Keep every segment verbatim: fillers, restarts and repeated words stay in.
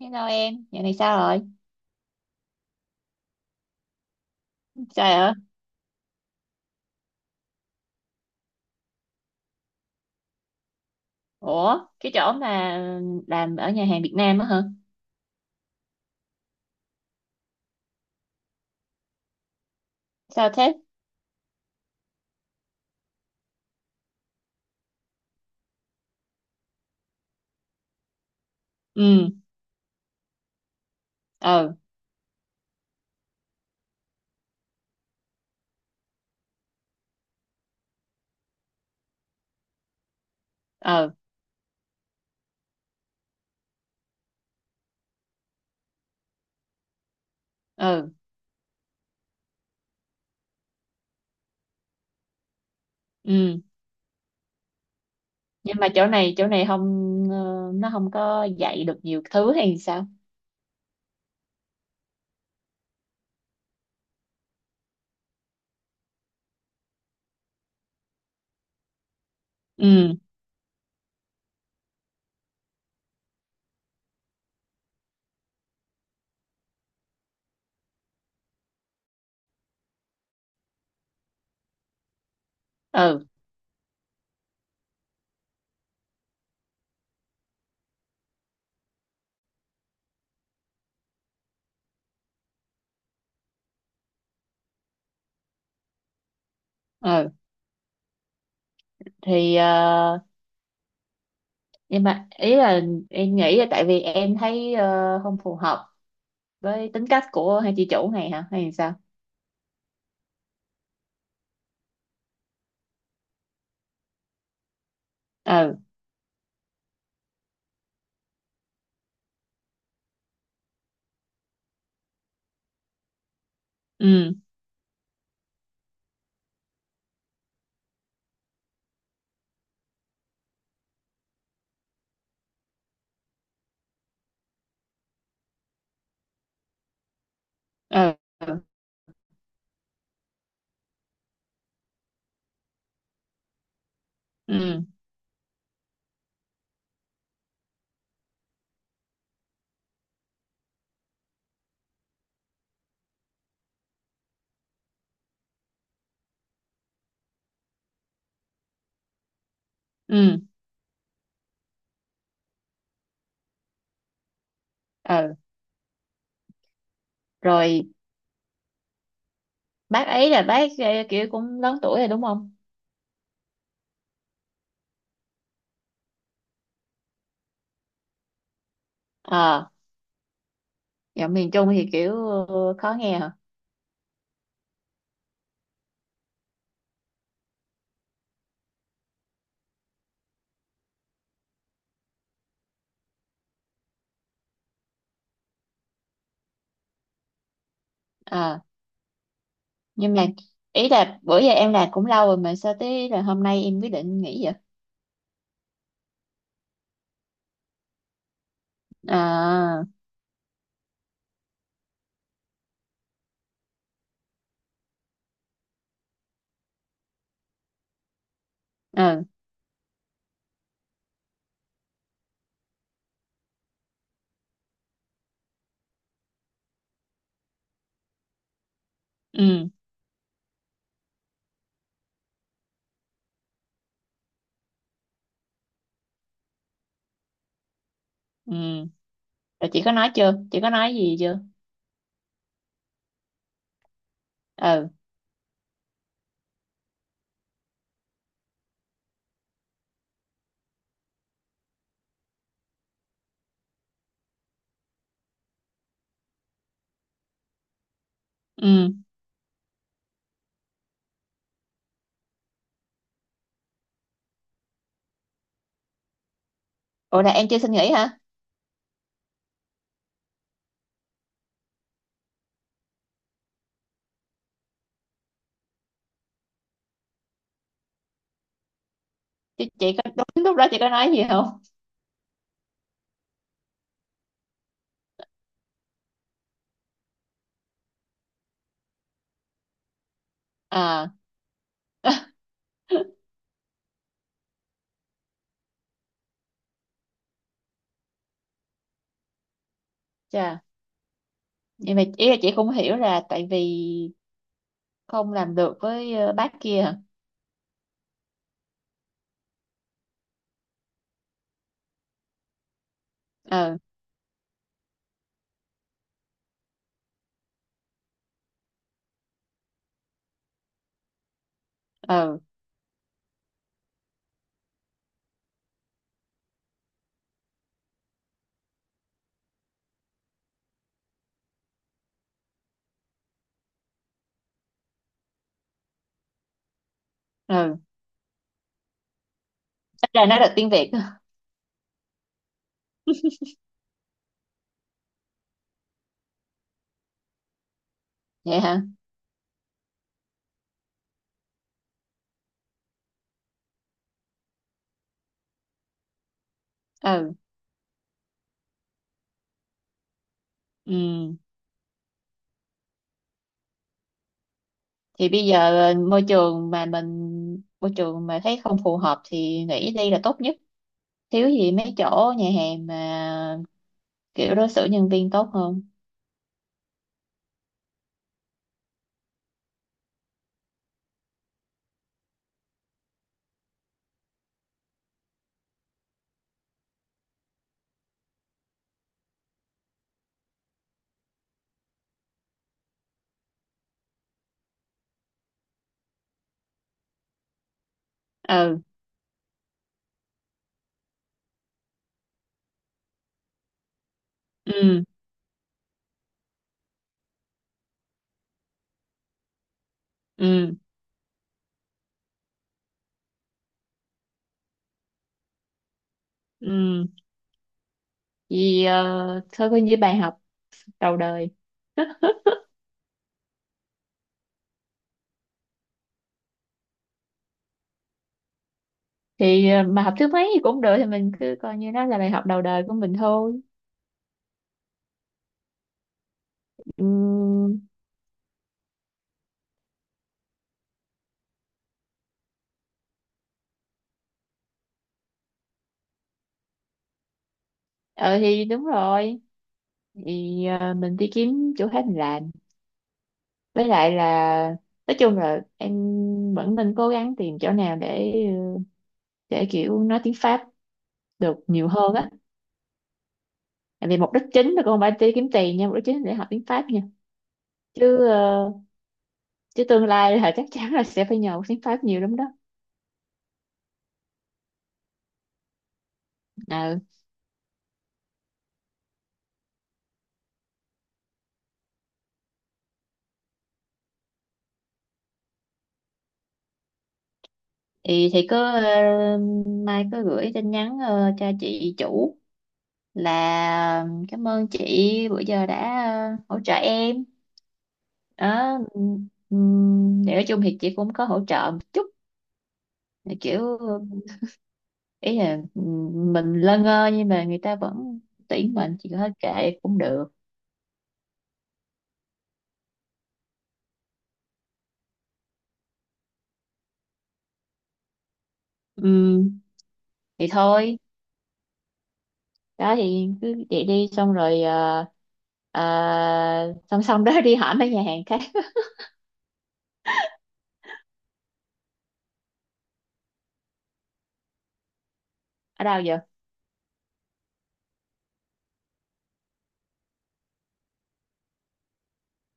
Hello em, giờ này sao rồi? Trời ơi. Ủa, cái chỗ mà làm ở nhà hàng Việt Nam á hả? Sao thế? Ừ, ừ, ừ, ừ, ừ. Nhưng mà chỗ này, chỗ này không, ờ, nó không có dạy được nhiều thứ hay sao? Ừ, ừ, ừ. Thì, ờ, nhưng mà ý là em nghĩ là tại vì em thấy ờ, không phù hợp với tính cách của hai chị chủ này hả? Hay sao? Ừ, ừ, ừ, ừ, ừ, ừ. Rồi bác ấy là bác ờ, kiểu cũng lớn tuổi rồi đúng không? Ờ, giọng miền Trung thì kiểu ờ, khó nghe hả? Ờ, nhưng mà ý là bữa giờ em làm cũng lâu rồi mà sao tới là hôm nay em quyết định nghỉ vậy? Ờ, ừ, ừ, ừ. Rồi chị có nói chưa, chị có nói gì chưa? Ừ, ừ. Ủa, là em chưa xin nghỉ hả? chị, chị có đúng lúc đó chị có nói gì không? Ờ. Chà, nhưng mà ý là chị cũng hiểu là tại vì không làm được với ờ, bác kia hả? Ừ, ừ, ừ. Ít ra nói được tiếng Việt. Vậy hả? Ừ, ừ. Thì bây giờ ờ, môi trường mà mình môi trường mà thấy không phù hợp thì nghỉ đi là tốt nhất. Thiếu gì mấy chỗ nhà hàng mà kiểu đối xử nhân viên tốt hơn. Ừ, ừ, ừ, ừ. Vì ờ, thôi coi như bài học đầu đời. thì ờ, mà học thứ mấy thì cũng được, thì mình cứ coi như nó là bài học đầu đời của mình thôi. Ừ, ờ thì đúng rồi. Thì ờ, mình đi kiếm chỗ khác mình làm, với lại là nói chung là em vẫn nên cố gắng tìm chỗ nào để ờ, để kiểu nói tiếng Pháp được nhiều hơn á. Tại vì mục đích chính là con phải đi kiếm tiền nha, mục đích chính là để học tiếng Pháp nha, chứ ờ, chứ tương lai là chắc chắn là sẽ phải nhờ tiếng Pháp nhiều lắm đó. Ừ, thì thì cứ ờ, mai cứ gửi tin nhắn ờ, cho chị chủ là cảm ơn chị bữa giờ đã ờ, hỗ trợ em đó. Ừm, ừm, để nói chung thì chị cũng có hỗ trợ một chút, kiểu ý là ừ, mình lơ ngơ nhưng mà người ta vẫn tuyển mình thì hết kệ cũng được. Ừm, thì thôi. Đó thì cứ vậy đi, xong rồi ờ, ờ, song song đó đi hỏi mấy nhà hàng khác. Ở đâu giờ?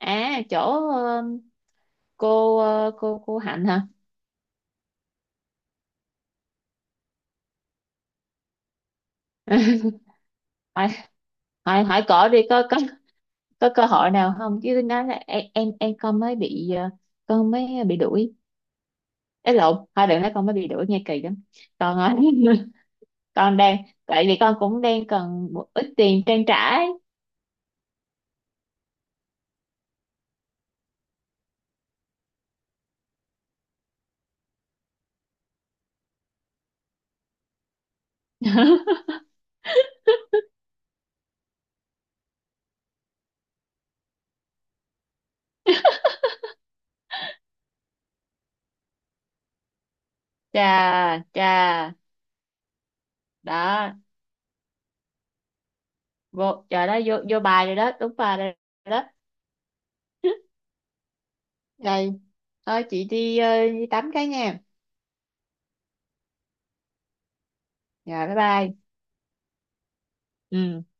À chỗ ờ, cô ờ, cô cô Hạnh hả? hỏi hỏi hỏi cổ đi, có có có cơ hội nào không, chứ nói là em em em con mới bị ờ, con mới bị đuổi. Ấy lộn, thôi đừng nói con mới bị đuổi nghe kỳ lắm con ơi. Con đang, tại vì con cũng đang cần một ít tiền trang trải. Chà chà. Đó, vô trời đó, vô vô bài rồi đó, đúng bài rồi đó. Rồi thôi chị đi, ờ, đi tắm cái nha. Rồi bye bye. Ừ.